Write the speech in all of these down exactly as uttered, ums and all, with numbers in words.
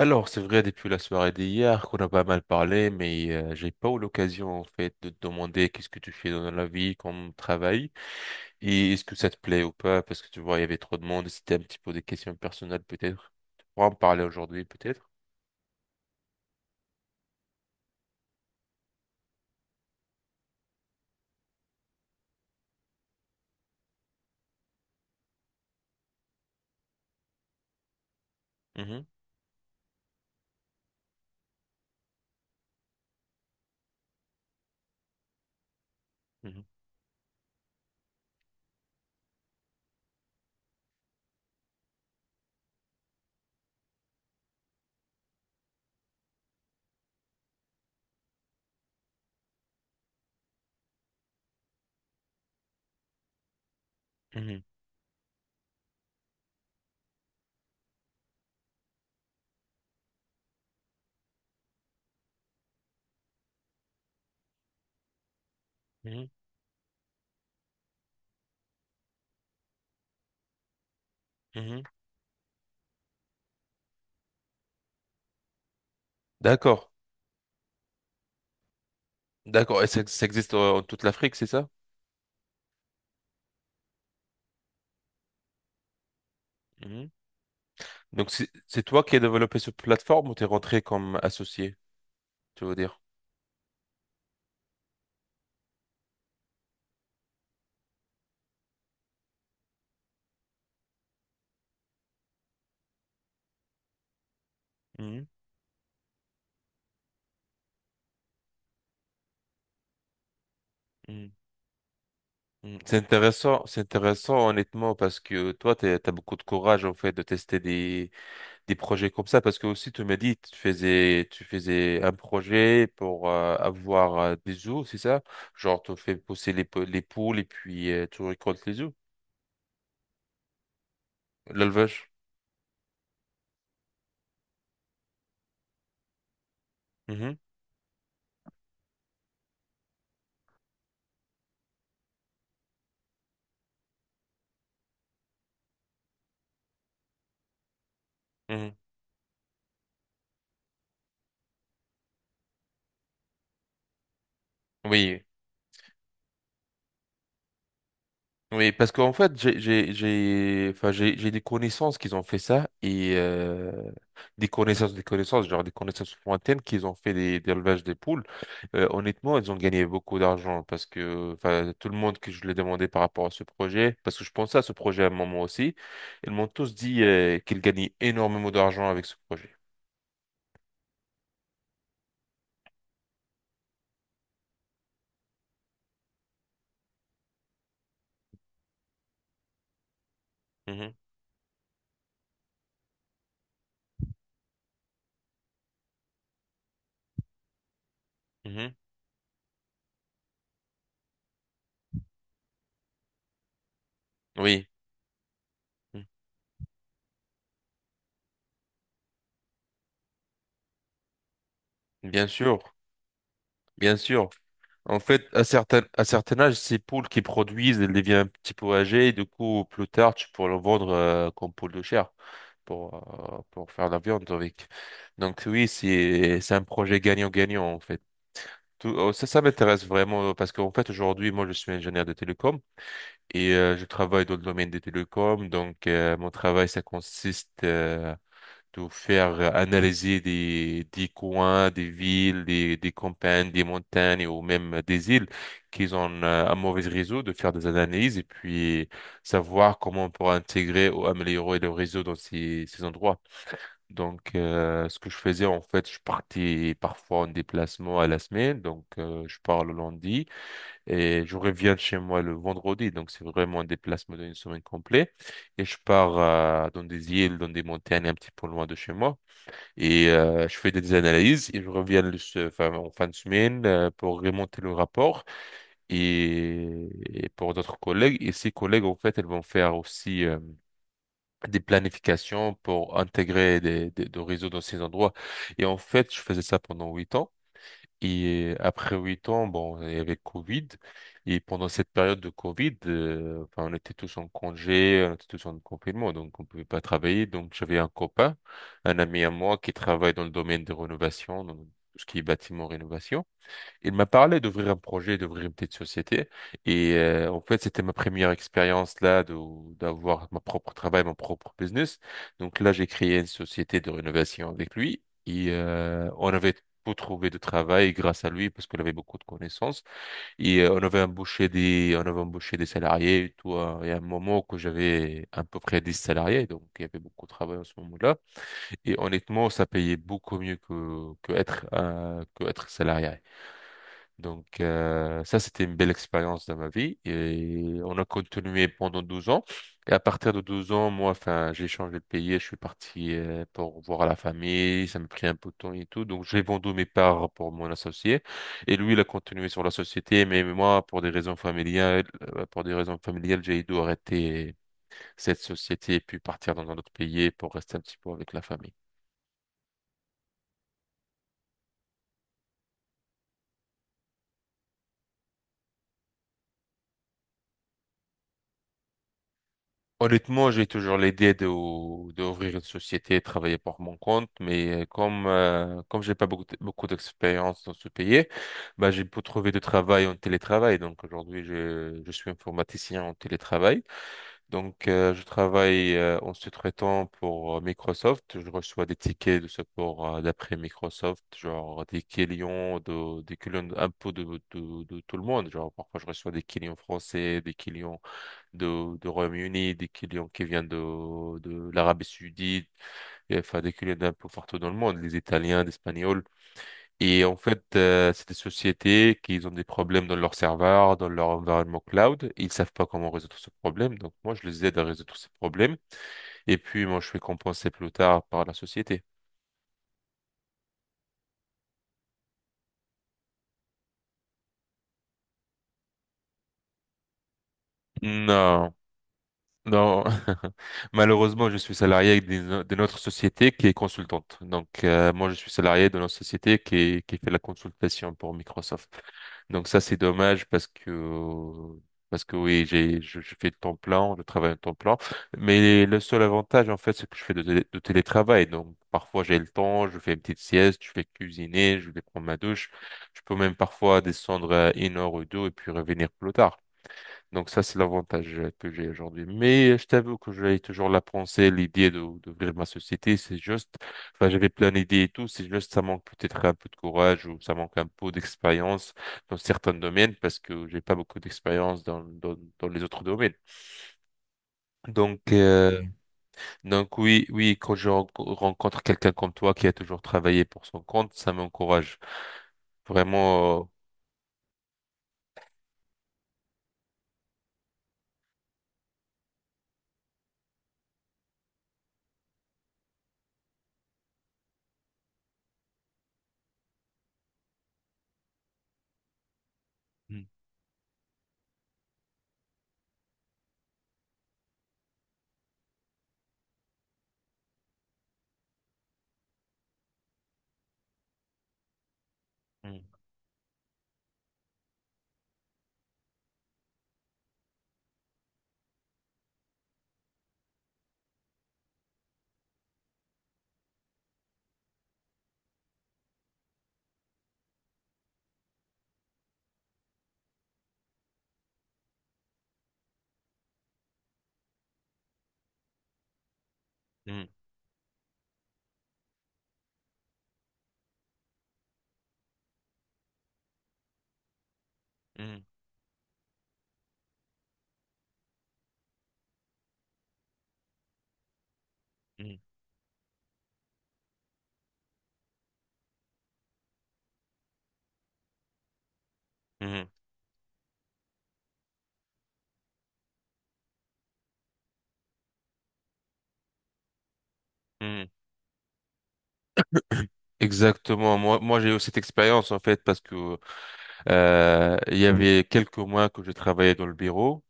Alors, c'est vrai, depuis la soirée d'hier qu'on a pas mal parlé, mais euh, j'ai pas eu l'occasion en fait de te demander qu'est-ce que tu fais dans la vie, comme travail, et est-ce que ça te plaît ou pas, parce que tu vois, il y avait trop de monde, et c'était un petit peu des questions personnelles peut-être. Tu pourras en parler aujourd'hui peut-être. Mhm, mhm, mhm, mhm, mhm. D'accord, d'accord, et ça, ça existe euh, en toute l'Afrique, c'est ça? Mhm. Donc c'est c'est toi qui as développé cette plateforme ou t'es rentré comme associé, tu veux dire? Mhm, Mm. C'est intéressant, c'est intéressant honnêtement parce que toi, tu as beaucoup de courage en fait de tester des, des projets comme ça parce que aussi tu m'as dit tu faisais tu faisais un projet pour euh, avoir euh, des œufs, c'est ça? Genre tu fais pousser les, pou- les poules et puis euh, tu récoltes les œufs, l'élevage. Mhm, mhm. Oui. Oui, parce qu'en fait, j'ai, j'ai, j'ai, enfin, j'ai, j'ai des connaissances qu'ils ont fait ça et euh, des connaissances, des connaissances, genre des connaissances lointaines qu'ils ont fait des, des élevages des poules. Euh, honnêtement, ils ont gagné beaucoup d'argent parce que, enfin, tout le monde que je l'ai demandé par rapport à ce projet, parce que je pensais à ce projet à un moment aussi, ils m'ont tous dit euh, qu'ils gagnaient énormément d'argent avec ce projet. Mhm, mhm. Oui, Mhm. bien sûr, bien sûr. En fait, à certain, à certain âge, ces poules qui produisent, elles deviennent un petit peu âgées, et du coup, plus tard, tu pourras le vendre euh, comme poule de chair pour, euh, pour faire la viande avec. Donc oui, c'est, c'est un projet gagnant-gagnant, en fait. Tout- oh, ça, ça m'intéresse vraiment parce qu'en fait, aujourd'hui, moi, je suis ingénieur de télécom et euh, je travaille dans le domaine des télécoms. Donc, euh, mon travail, ça consiste euh, de faire euh, analyser des, des coins, des villes, des, des campagnes, des montagnes ou même euh, des îles qui ont euh, un mauvais réseau, de faire des analyses et puis savoir comment on pourra intégrer ou améliorer le réseau dans ces, ces endroits. Donc, euh, ce que je faisais, en fait, je partais parfois en déplacement à la semaine. Donc, euh, je pars le lundi et je reviens de chez moi le vendredi. Donc, c'est vraiment un déplacement d'une semaine complète. Et je pars euh, dans des îles, dans des montagnes un petit peu loin de chez moi. Et euh, je fais des analyses et je reviens le, se- enfin, en fin de semaine euh, pour remonter le rapport et, et pour d'autres collègues. Et ces collègues, en fait, elles vont faire aussi euh, des planifications pour intégrer des, des, des réseaux dans ces endroits. Et en fait, je faisais ça pendant huit ans. Et après huit ans, bon, il y avait Covid. Et pendant cette période de Covid, euh, enfin, on était tous en congé, on était tous en confinement, donc on pouvait pas travailler. Donc j'avais un copain, un ami à moi qui travaille dans le domaine de rénovation, donc tout ce qui est bâtiment rénovation. Il m'a parlé d'ouvrir un projet, d'ouvrir une petite société. Et euh, en fait, c'était ma première expérience là de, d'avoir mon propre travail, mon propre business. Donc là, j'ai créé une société de rénovation avec lui. Et euh, on avait tout trouvé de travail grâce à lui parce qu'il avait beaucoup de connaissances. Et euh, on avait embauché des, on avait embauché des salariés et tout, hein. Et à un moment que j'avais à peu près dix salariés, donc il y avait beaucoup de travail en ce moment-là. Et honnêtement, ça payait beaucoup mieux que, que être, un- que être salarié. Donc euh, ça, c'était une belle expérience dans ma vie et on a continué pendant douze ans. Et à partir de douze ans, moi, enfin, j'ai changé de pays, et je suis parti euh, pour voir la famille, ça m'a pris un peu de temps et tout. Donc j'ai vendu mes parts pour mon associé et lui, il a continué sur la société, mais moi, pour des raisons familiales, euh, pour des raisons familiales, j'ai dû arrêter cette société et puis partir dans un autre pays pour rester un petit peu avec la famille. Honnêtement, j'ai toujours l'idée de, d'ouvrir une société, travailler pour mon compte, mais euh, comme euh, comme j'ai pas beaucoup de- beaucoup d'expérience dans ce pays, bah j'ai pu trouver du travail en télétravail. Donc aujourd'hui, je je suis informaticien en télétravail. Donc euh, je travaille euh, en sous-traitant pour euh, Microsoft. Je reçois des tickets de support euh, d'après Microsoft, genre des clients de des clients un peu de, de de tout le monde. Genre parfois je reçois des clients français, des clients de, de Royaume-Uni, des clients qui viennent de, de l'Arabie Saoudite, et enfin des clients d'un peu partout dans le monde, les Italiens, les Espagnols. Et en fait, euh, c'est des sociétés qui ont des problèmes dans leur serveur, dans leur environnement cloud. Ils savent pas comment résoudre ce problème. Donc moi, je les aide à résoudre ce problème. Et puis moi, je fais compenser plus tard par la société. Non. Non, malheureusement, je suis salarié d'une d'une autre société qui est consultante. Donc, euh, moi, je suis salarié de notre société qui, qui fait la consultation pour Microsoft. Donc, ça, c'est dommage parce que, parce que oui, j'ai, je, je fais le temps plein, je travaille en temps plein. Mais le seul avantage, en fait, c'est que je fais de, télé- de télétravail. Donc, parfois, j'ai le temps, je fais une petite sieste, je vais cuisiner, je vais prendre ma douche. Je peux même parfois descendre à une heure ou deux et puis revenir plus tard. Donc ça, c'est l'avantage euh, que j'ai aujourd'hui. Mais euh, je t'avoue que j'avais toujours la pensée, l'idée de d'ouvrir ma société. C'est juste, enfin, j'avais plein d'idées et tout. C'est juste, ça manque peut-être un peu de courage ou ça manque un peu d'expérience dans certains domaines parce que j'ai pas beaucoup d'expérience dans, dans, dans les autres domaines. Donc, euh, donc oui, oui, quand je ren- rencontre quelqu'un comme toi qui a toujours travaillé pour son compte, ça m'encourage vraiment. euh, Mm, mm, mm, mm, mm, mm, mm. Exactement. Moi, moi, j'ai eu cette expérience en fait parce que euh, il y avait quelques mois que je travaillais dans le bureau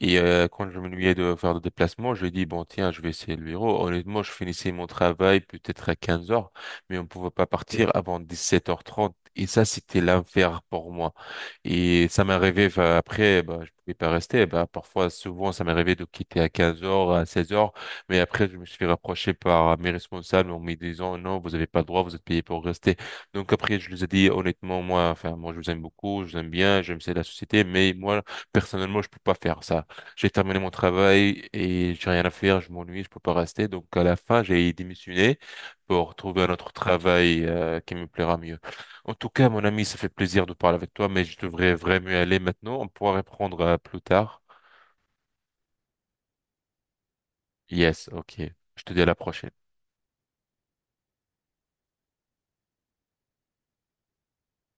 et euh, quand je m'ennuyais de faire des déplacements, je dis, bon, tiens, je vais essayer le bureau. Honnêtement, je finissais mon travail peut-être à quinze heures, mais on ne pouvait pas partir avant dix-sept heures trente. Et ça, c'était l'enfer pour moi. Et ça m'est arrivé, enfin, après, bah, je pouvais pas rester. Bah, parfois, souvent, ça m'est arrivé de quitter à quinze heures à seize heures. Mais après, je me suis fait rapprocher par mes responsables en me disant, non, vous n'avez pas le droit, vous êtes payé pour rester. Donc après, je les ai dit, honnêtement, moi, enfin, moi, je vous aime beaucoup, je vous aime bien, j'aime c'est la société, mais moi, personnellement, je peux pas faire ça. J'ai terminé mon travail et j'ai rien à faire, je m'ennuie, je peux pas rester. Donc à la fin, j'ai démissionné pour trouver un autre travail euh, qui me plaira mieux. En tout cas, mon ami, ça fait plaisir de parler avec toi, mais je devrais vraiment y aller maintenant. On pourra reprendre euh, plus tard. Yes, ok. Je te dis à la prochaine.